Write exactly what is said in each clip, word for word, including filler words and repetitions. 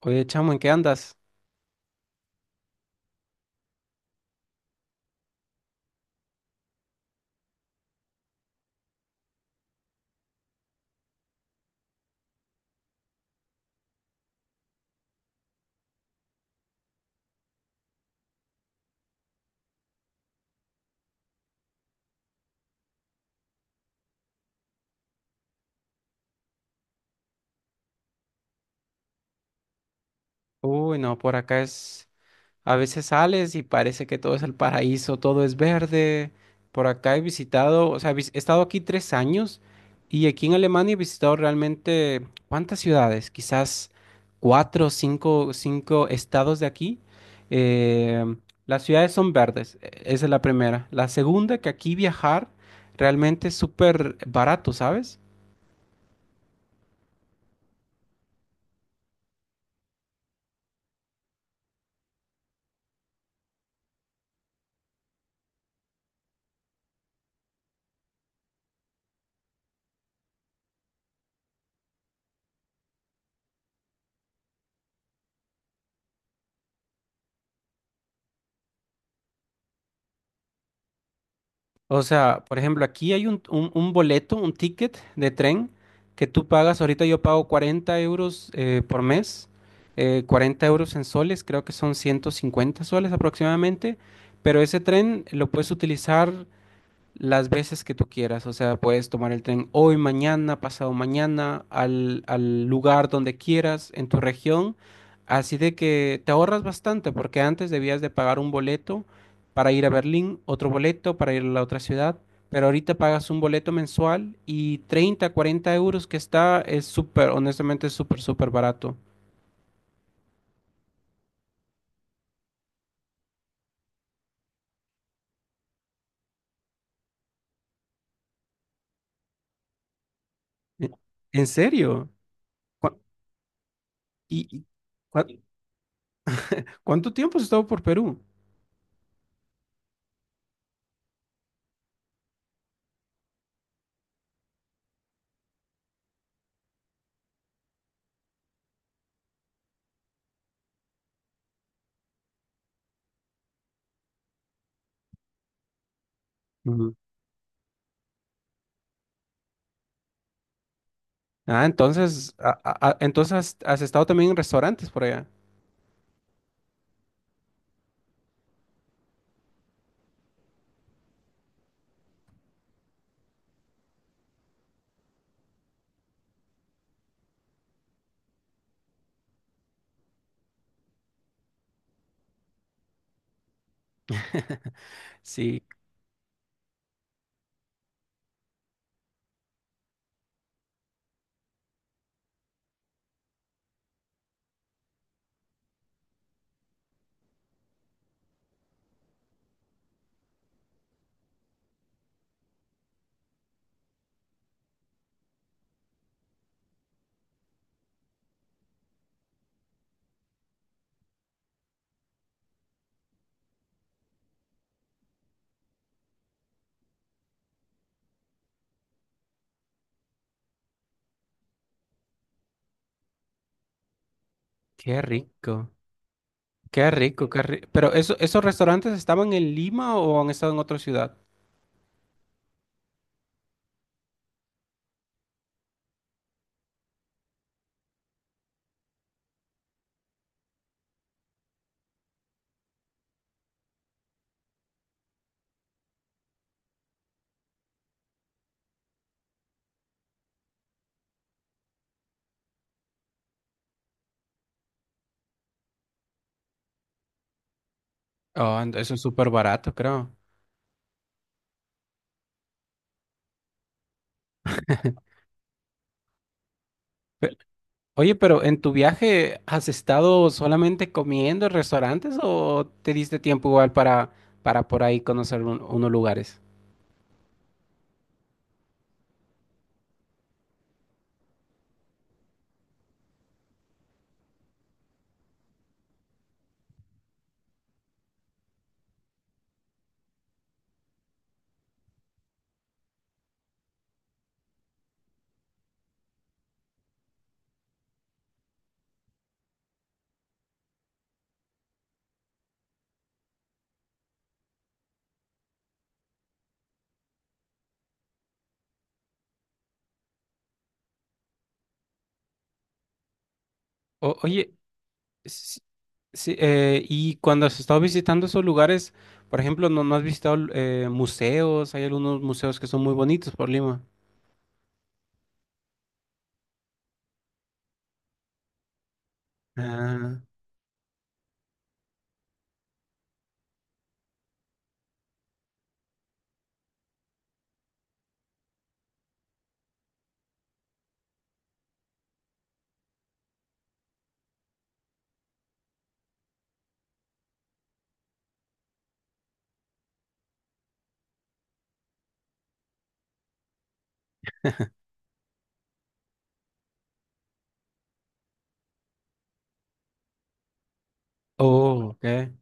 Oye, chamo, ¿en qué andas? Uy, no, por acá es... A veces sales y parece que todo es el paraíso, todo es verde. Por acá he visitado, o sea, vis- he estado aquí tres años y aquí en Alemania he visitado realmente, ¿cuántas ciudades? Quizás cuatro, cinco, cinco estados de aquí. Eh, las ciudades son verdes, e- esa es la primera. La segunda, que aquí viajar realmente es súper barato, ¿sabes? O sea, por ejemplo, aquí hay un, un- un boleto, un ticket de tren que tú pagas. Ahorita yo pago cuarenta euros eh, por mes, eh, cuarenta euros en soles, creo que son ciento cincuenta soles aproximadamente. Pero ese tren lo puedes utilizar las veces que tú quieras, o sea, puedes tomar el tren hoy, mañana, pasado mañana, al, al lugar donde quieras, en tu región, así de que te ahorras bastante, porque antes debías de pagar un boleto para ir a Berlín, otro boleto para ir a la otra ciudad, pero ahorita pagas un boleto mensual y treinta, cuarenta euros que está, es súper, honestamente, es súper, súper barato. E- ¿En serio? ¿Cu- y, y- cua- ¿cuánto tiempo has estado por Perú? Ah, entonces, a- a- a- entonces has has estado también en restaurantes por allá. Sí, qué rico, qué rico, qué rico. Pero eso, ¿esos restaurantes estaban en Lima o han estado en otra ciudad? Oh, and- eso es súper barato, creo. Pe- Oye, pero en tu viaje, ¿has estado solamente comiendo en restaurantes o te diste tiempo igual para, para por ahí conocer un- unos lugares? O- oye, sí, sí, eh, y cuando has estado visitando esos lugares, por ejemplo, ¿no, no has visitado eh, museos? Hay algunos museos que son muy bonitos por Lima. Ah, oh, ok.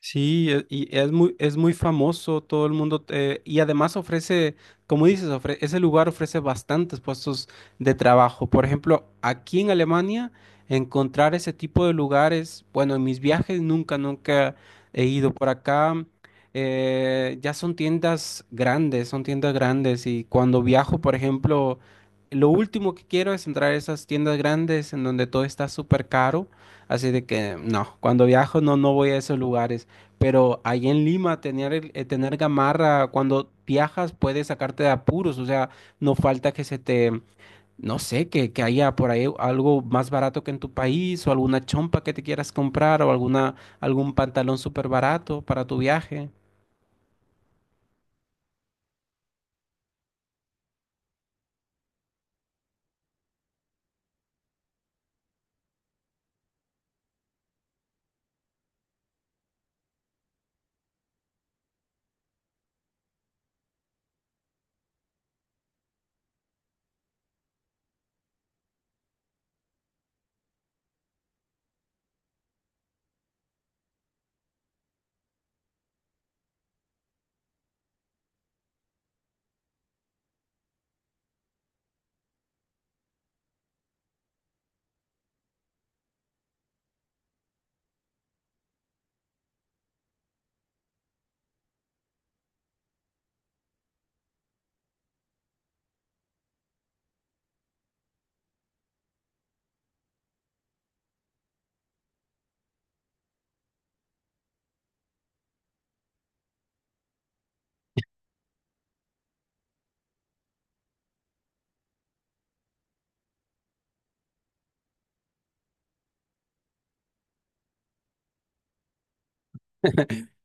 Sí, e- y es muy, es muy famoso, todo el mundo, te- y además ofrece, como dices, ofre- ese lugar ofrece bastantes puestos de trabajo. Por ejemplo, aquí en Alemania, encontrar ese tipo de lugares, bueno, en mis viajes nunca, nunca he ido por acá. Eh, ya son tiendas grandes, son tiendas grandes, y cuando viajo, por ejemplo, lo último que quiero es entrar a esas tiendas grandes en donde todo está súper caro. Así de que no, cuando viajo no, no voy a esos lugares. Pero ahí en Lima, tener, el- eh, tener gamarra cuando viajas puede sacarte de apuros. O sea, no falta que se te, no sé, que, que haya por ahí algo más barato que en tu país o alguna chompa que te quieras comprar o alguna, algún pantalón súper barato para tu viaje.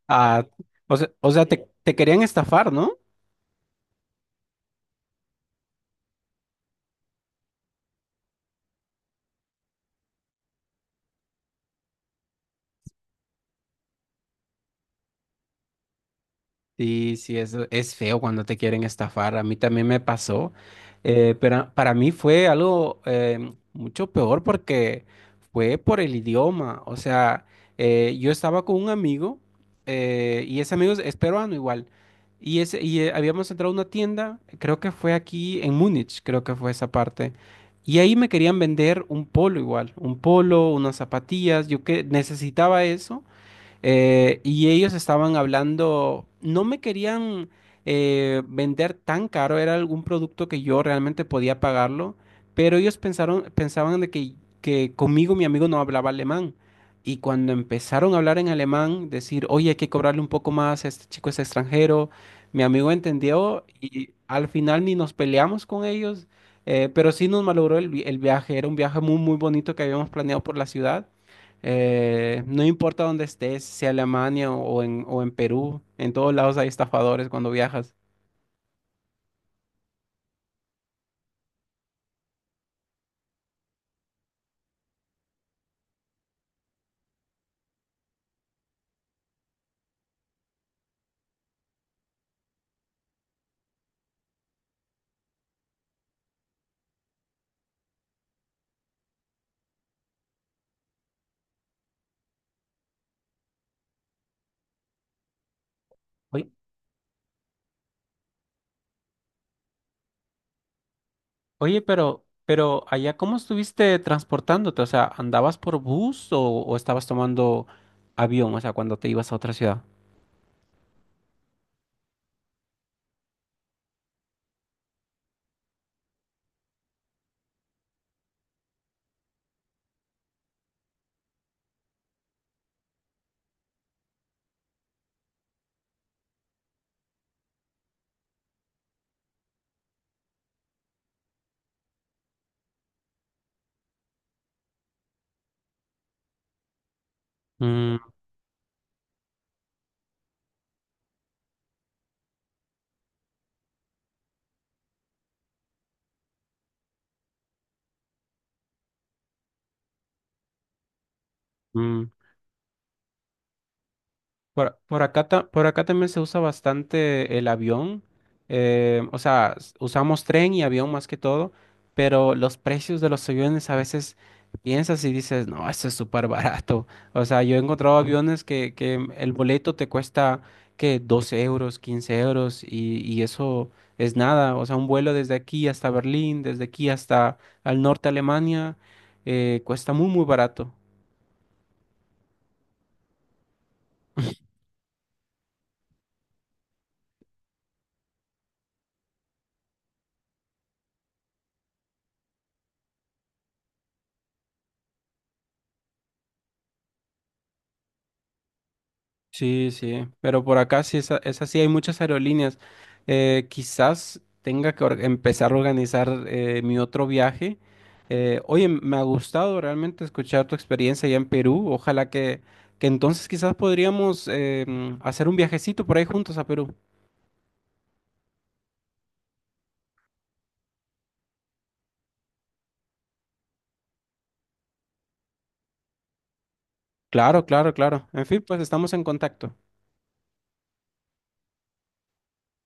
Ah, o sea, o sea, te, te querían estafar, ¿no? Sí, sí, eso es feo cuando te quieren estafar. A mí también me pasó, eh, pero para mí fue algo eh, mucho peor porque fue por el idioma. O sea, eh, yo estaba con un amigo eh, y ese amigo es es peruano igual. Y, ese, y eh, habíamos entrado a una tienda, creo que fue aquí en Múnich, creo que fue esa parte. Y ahí me querían vender un polo igual, un polo, unas zapatillas. Yo que necesitaba eso. Eh, y ellos estaban hablando, no me querían eh, vender tan caro, era algún producto que yo realmente podía pagarlo, pero ellos pensaron, pensaban de que, que conmigo mi amigo no hablaba alemán. Y cuando empezaron a hablar en alemán, decir, oye, hay que cobrarle un poco más, este chico es extranjero, mi amigo entendió y al final ni nos peleamos con ellos, eh, pero sí nos malogró el, vi- el viaje, era un viaje muy, muy bonito que habíamos planeado por la ciudad. Eh, no importa dónde estés, sea Alemania o en, o en Perú, en todos lados hay estafadores cuando viajas. Oye, oye, pero, pero allá, ¿cómo estuviste transportándote? O sea, ¿andabas por bus o, o estabas tomando avión? O sea, cuando te ibas a otra ciudad. Mm, mm. Por, por acá, ta- por acá también se usa bastante el avión. Eh, o sea, s- usamos tren y avión más que todo, pero los precios de los aviones a veces piensas y dices, no, esto es súper barato. O sea, yo he encontrado aviones que, que el boleto te cuesta que doce euros, quince euros y, y eso es nada. O sea, un vuelo desde aquí hasta Berlín, desde aquí hasta al norte de Alemania, eh, cuesta muy, muy barato. Sí, sí, pero por acá sí es, a- es así, hay muchas aerolíneas. Eh, quizás tenga que or- empezar a organizar eh, mi otro viaje. Eh, oye, me ha gustado realmente escuchar tu experiencia allá en Perú. Ojalá que, que entonces quizás podríamos eh, mm, hacer un viajecito por ahí juntos a Perú. Claro, claro, claro. En fin, pues estamos en contacto.